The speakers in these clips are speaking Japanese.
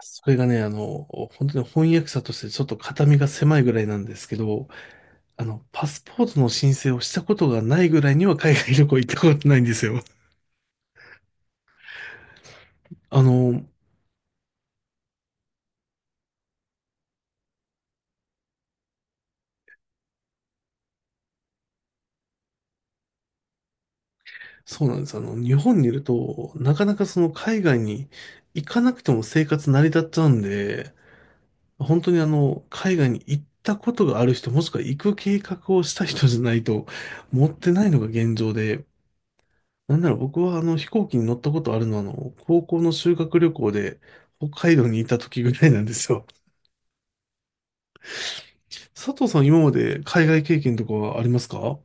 それがね、本当に翻訳者としてちょっと肩身が狭いぐらいなんですけど、パスポートの申請をしたことがないぐらいには海外旅行行ったことないんですよ。あの、そうなんです。日本にいると、なかなかその海外に行かなくても生活成り立っちゃうんで、本当に海外に行ったことがある人、もしくは行く計画をした人じゃないと、持ってないのが現状で、なんだろう、僕はあの飛行機に乗ったことあるのは、高校の修学旅行で北海道にいた時ぐらいなんですよ。佐藤さん、今まで海外経験とかはありますか？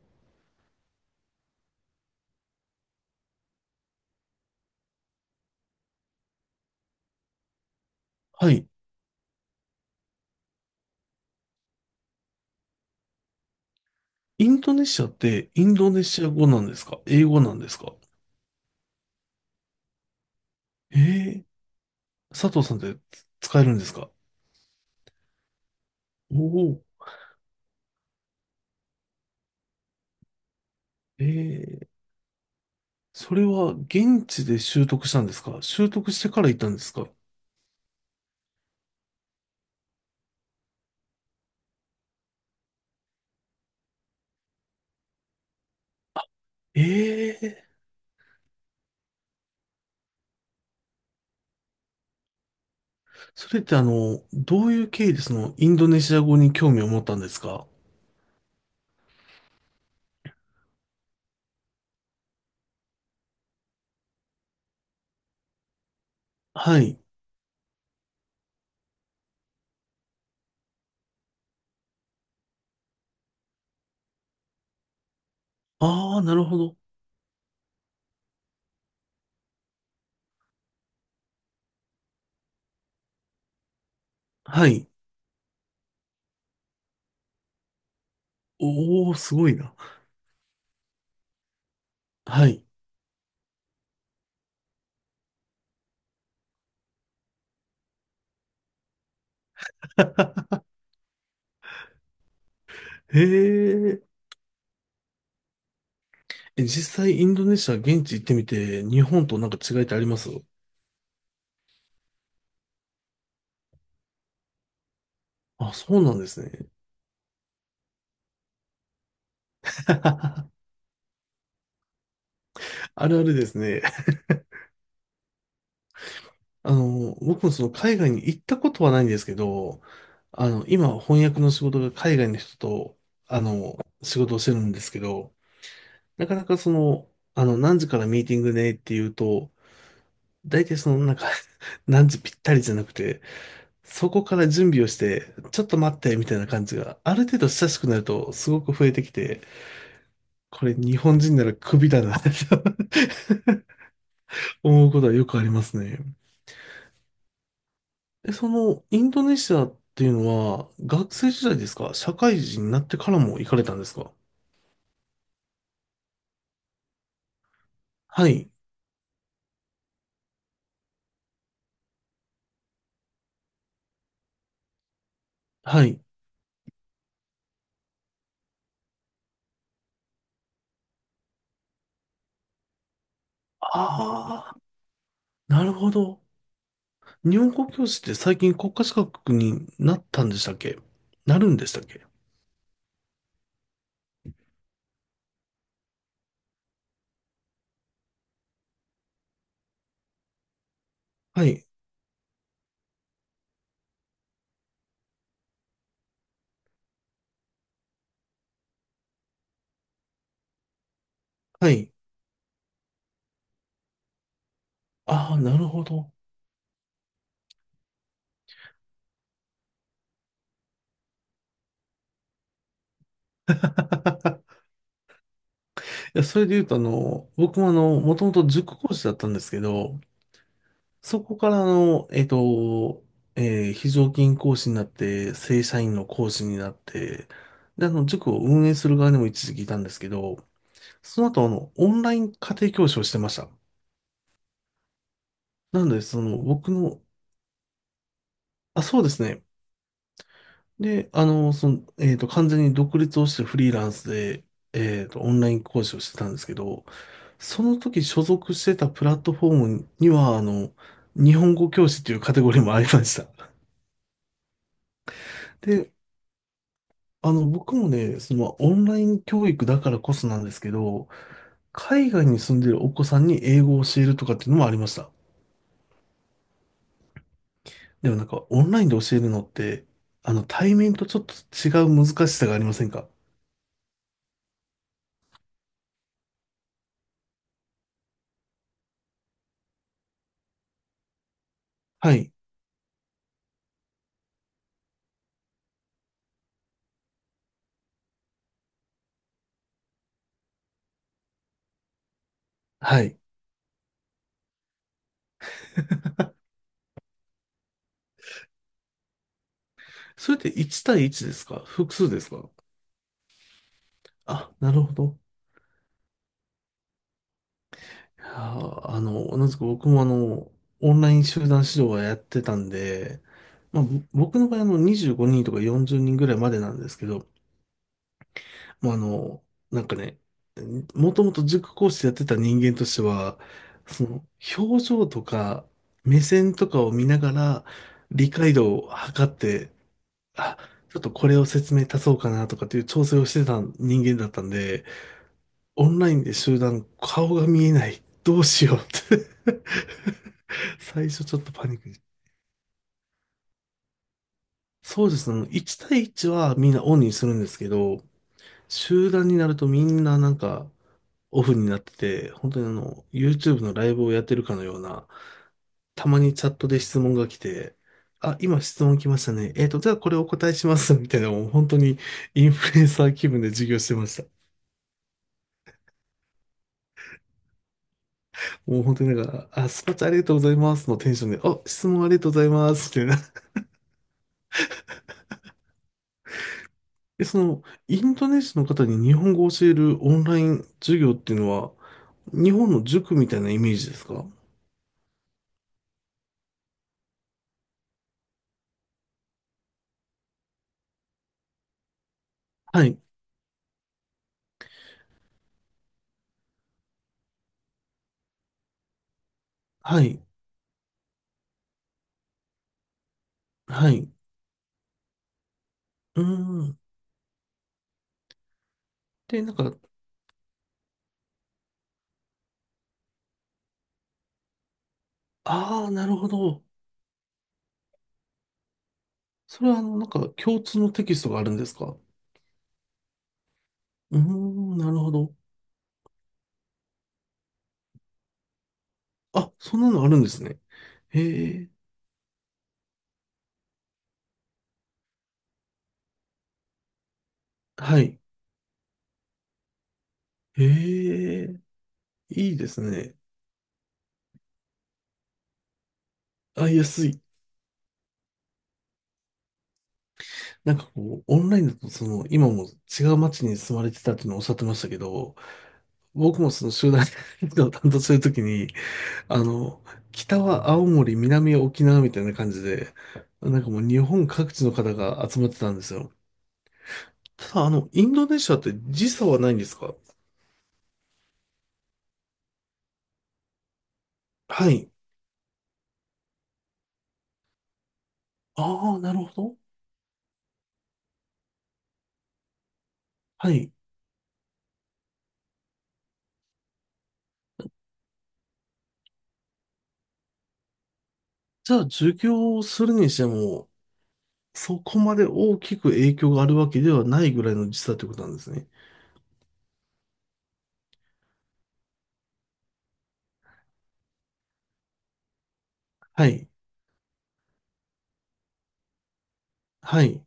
はい。インドネシアってインドネシア語なんですか、英語なんですか？ええー、佐藤さんって使えるんですか？おおー、ええー、それは現地で習得したんですか、習得してから行ったんですか？ええー、それってどういう経緯でそのインドネシア語に興味を持ったんですか？はい。ああ、なるほど。はい。おお、すごいな。はい。へえ。え、実際、インドネシア現地行ってみて、日本となんか違いってあります？あ、そうなんですね。あるあるですね。僕もその海外に行ったことはないんですけど、今翻訳の仕事が海外の人と、あの、仕事をしてるんですけど、なかなかその、何時からミーティングねっていうと、大体その、なんか 何時ぴったりじゃなくて、そこから準備をして、ちょっと待って、みたいな感じが、ある程度親しくなると、すごく増えてきて、これ日本人ならクビだなって 思うことはよくありますね。え、その、インドネシアっていうのは、学生時代ですか、社会人になってからも行かれたんですか？はい、はい。ああ、なるほど。日本語教師って最近国家資格になったんでしたっけ、なるんでしたっけ？はい、はい。ああ、なるほど。いや、それで言うと、僕ももともと塾講師だったんですけど、そこから非常勤講師になって、正社員の講師になって、で、塾を運営する側にも一時期いたんですけど、その後、オンライン家庭教師をしてました。なので、その、僕の、あ、そうですね。で、その、完全に独立をしてフリーランスで、オンライン講師をしてたんですけど、その時所属してたプラットフォームには、日本語教師というカテゴリーもありました。で、僕もね、その、オンライン教育だからこそなんですけど、海外に住んでるお子さんに英語を教えるとかっていうのもありました。でもなんか、オンラインで教えるのって、対面とちょっと違う難しさがありませんか？はい。はい。それって1対1ですか、複数ですか？あ、なるほど。いやー、同じく僕もオンライン集団指導はやってたんで、まあ、僕の場合あの、25人とか40人ぐらいまでなんですけど、もうなんかね、もともと塾講師やってた人間としては、その、表情とか、目線とかを見ながら、理解度を測って、あ、ちょっとこれを説明足そうかなとかっていう調整をしてた人間だったんで、オンラインで集団、顔が見えない。どうしようって 最初ちょっとパニックで。そうですね。1対1はみんなオンにするんですけど、集団になるとみんななんかオフになってて、本当にYouTube のライブをやってるかのような、たまにチャットで質問が来て、あ、今質問来ましたね。えっと、じゃあこれお答えします。みたいな、もう本当にインフルエンサー気分で授業してました。もう本当になんか、あ、スパチャありがとうございますのテンションで、あ、質問ありがとうございます。みたいな。え、その、インドネシアの方に日本語を教えるオンライン授業っていうのは、日本の塾みたいなイメージですか？はい、はい、はい。うーん。で、なんか、ああ、なるほど。それは、なんか、共通のテキストがあるんですか？うーん、なるほど。あ、そんなのあるんですね。へえ、はい。へえ、いいですね。あ、安い。なんかこう、オンラインだと、その、今も違う街に住まれてたっていうのをおっしゃってましたけど、僕もその集団移動を担当するときに、あの、北は青森、南は沖縄みたいな感じで、なんかもう日本各地の方が集まってたんですよ。ただ、インドネシアって時差はないんですか？はい。ああ、なるほど。はい。じゃあ、授業をするにしても、そこまで大きく影響があるわけではないぐらいの時差ということなんですね。はい。はい。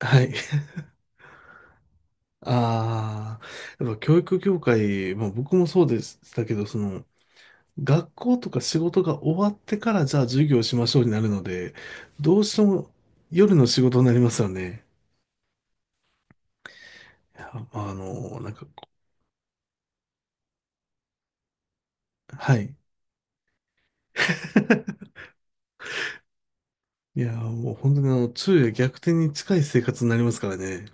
はい。ああ、やっぱ教育業界、まあ僕もそうでしたけど、その、学校とか仕事が終わってからじゃあ授業しましょうになるので、どうしても夜の仕事になりますよね。いやあの、なんかこう、はい。いや、もう本当に昼夜逆転に近い生活になりますからね。